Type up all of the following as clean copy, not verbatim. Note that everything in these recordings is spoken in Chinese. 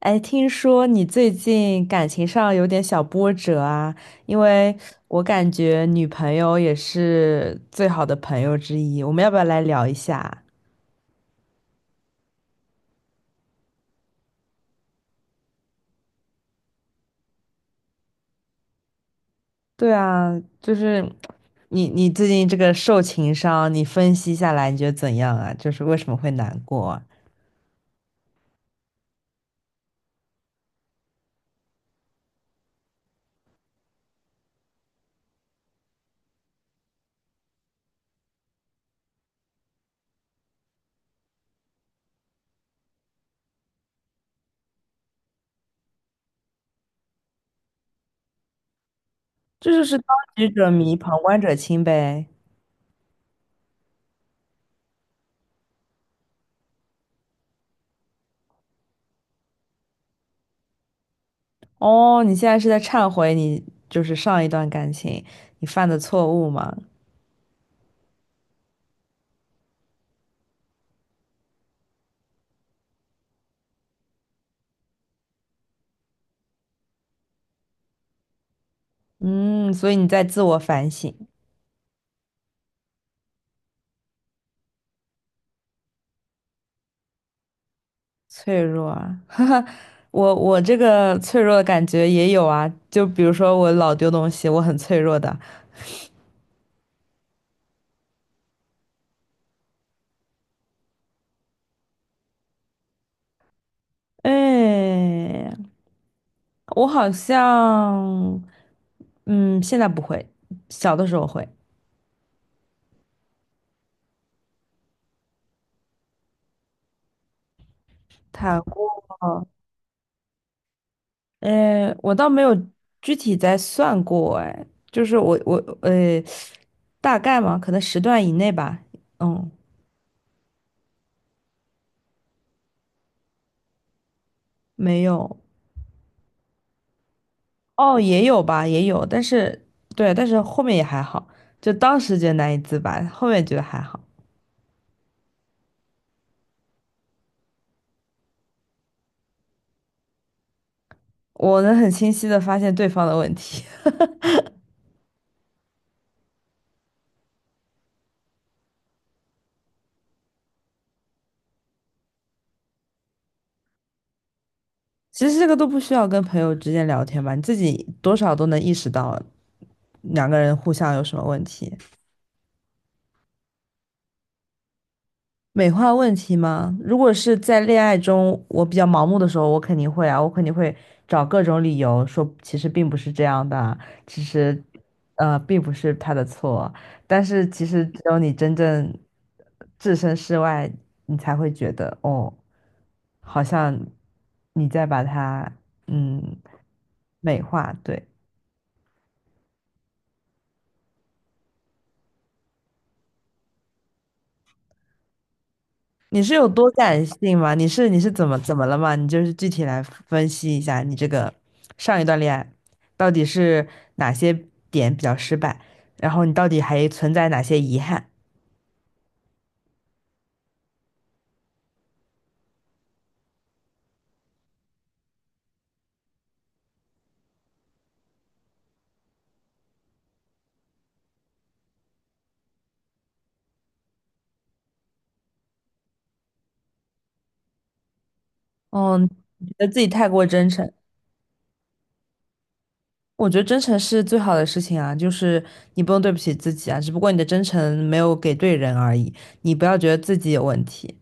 哎，听说你最近感情上有点小波折啊，因为我感觉女朋友也是最好的朋友之一，我们要不要来聊一下？对啊，就是你最近这个受情伤，你分析下来你觉得怎样啊？就是为什么会难过啊，这就是当局者迷，旁观者清呗。哦，你现在是在忏悔你就是上一段感情你犯的错误吗？嗯，所以你在自我反省。脆弱啊。我这个脆弱的感觉也有啊，就比如说我老丢东西，我很脆弱的。哎，我好像，嗯，现在不会，小的时候会。谈过。哎，我倒没有具体在算过，哎，就是我呃，大概嘛，可能时段以内吧。嗯，没有。哦，也有吧，也有，但是对，但是后面也还好，就当时觉得难以自拔，后面觉得还好。我能很清晰的发现对方的问题。其实这个都不需要跟朋友之间聊天吧，你自己多少都能意识到两个人互相有什么问题。美化问题吗？如果是在恋爱中，我比较盲目的时候，我肯定会啊，我肯定会找各种理由说，其实并不是这样的啊，其实，并不是他的错。但是其实只有你真正置身事外，你才会觉得，哦，好像你在把它，嗯，美化，对。你是有多感性吗？你是怎么怎么了吗？你就是具体来分析一下，你这个上一段恋爱到底是哪些点比较失败，然后你到底还存在哪些遗憾？嗯，你觉得自己太过真诚。我觉得真诚是最好的事情啊，就是你不用对不起自己啊，只不过你的真诚没有给对人而已，你不要觉得自己有问题。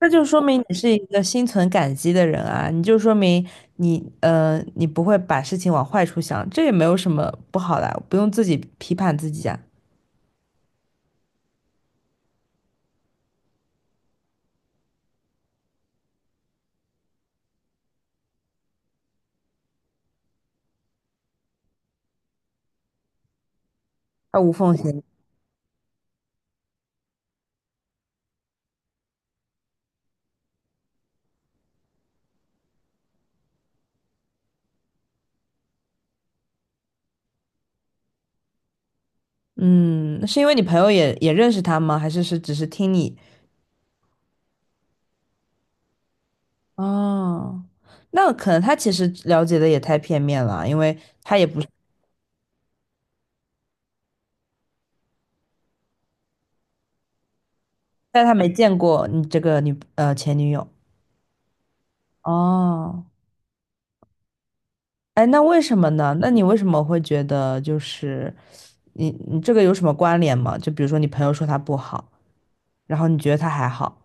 那就说明你是一个心存感激的人啊，你就说明你你不会把事情往坏处想，这也没有什么不好的啊，不用自己批判自己啊。啊，无缝衔接。嗯，是因为你朋友也认识他吗？还是是只是听你？哦，那可能他其实了解的也太片面了啊，因为他也不是，但他没见过你这个女前女友。哦，哎，那为什么呢？那你为什么会觉得就是？你你这个有什么关联吗？就比如说你朋友说他不好，然后你觉得他还好。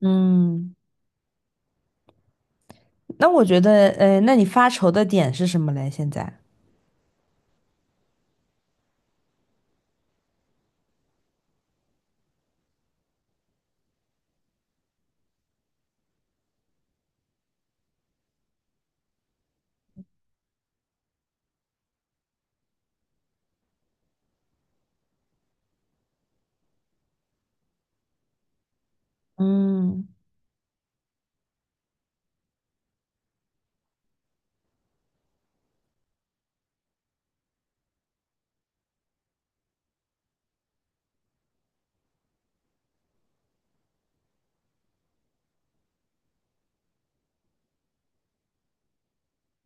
嗯，那我觉得，呃，那你发愁的点是什么嘞？现在，嗯。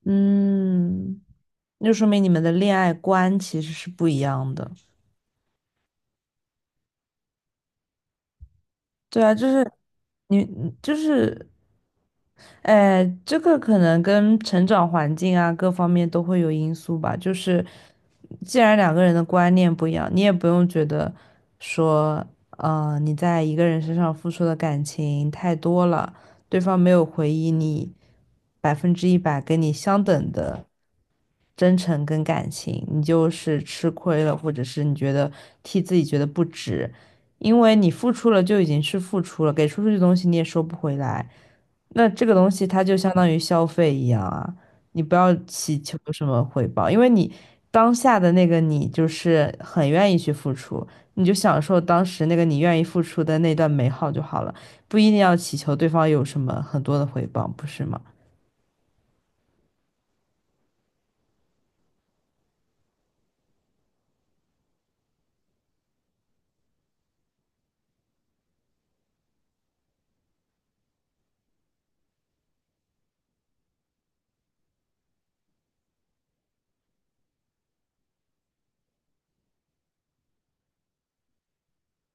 嗯，那就说明你们的恋爱观其实是不一样的。对啊，就是你就是，哎，这个可能跟成长环境啊各方面都会有因素吧。就是，既然两个人的观念不一样，你也不用觉得说，呃，你在一个人身上付出的感情太多了，对方没有回应你100%跟你相等的真诚跟感情，你就是吃亏了，或者是你觉得替自己觉得不值，因为你付出了就已经是付出了，给出去的东西你也收不回来。那这个东西它就相当于消费一样啊，你不要祈求什么回报，因为你当下的那个你就是很愿意去付出，你就享受当时那个你愿意付出的那段美好就好了，不一定要祈求对方有什么很多的回报，不是吗？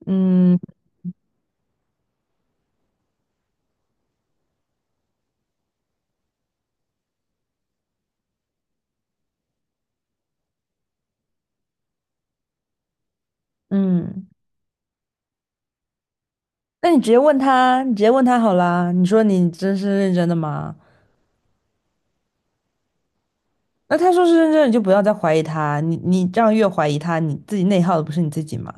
嗯。嗯，那你直接问他，你直接问他好啦。你说你真是认真的吗？那他说是认真的，你就不要再怀疑他。你你这样越怀疑他，你自己内耗的不是你自己吗？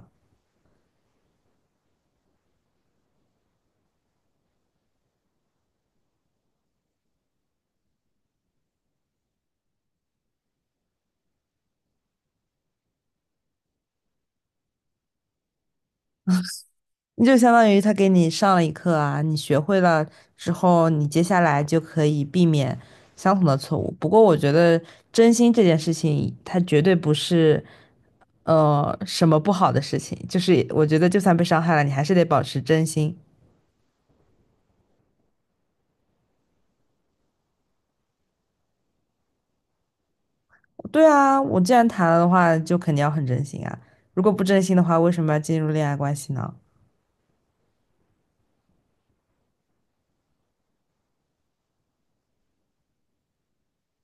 就相当于他给你上了一课啊，你学会了之后，你接下来就可以避免相同的错误。不过我觉得真心这件事情，它绝对不是什么不好的事情，就是我觉得就算被伤害了，你还是得保持真心。对啊，我既然谈了的话，就肯定要很真心啊。如果不真心的话，为什么要进入恋爱关系呢？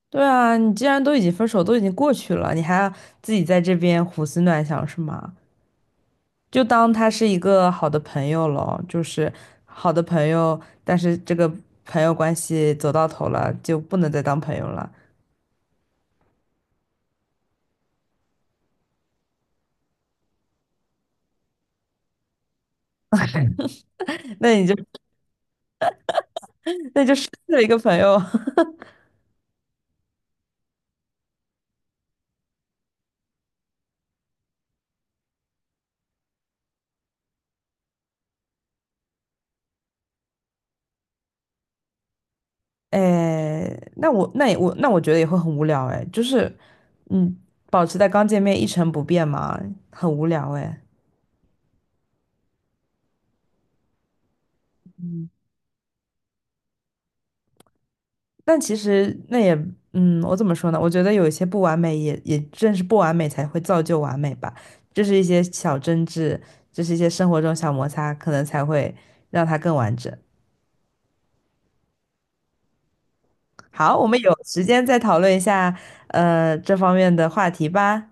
对啊，你既然都已经分手，都已经过去了，你还要自己在这边胡思乱想是吗？就当他是一个好的朋友咯，就是好的朋友，但是这个朋友关系走到头了，就不能再当朋友了。那你就那就失去了一个朋友。哎，那我那也我那我觉得也会很无聊哎，就是嗯，保持在刚见面一成不变嘛，很无聊哎。但其实那也，嗯，我怎么说呢？我觉得有一些不完美也，也正是不完美才会造就完美吧。这是一些小争执，这是一些生活中小摩擦，可能才会让它更完整。好，我们有时间再讨论一下，呃，这方面的话题吧。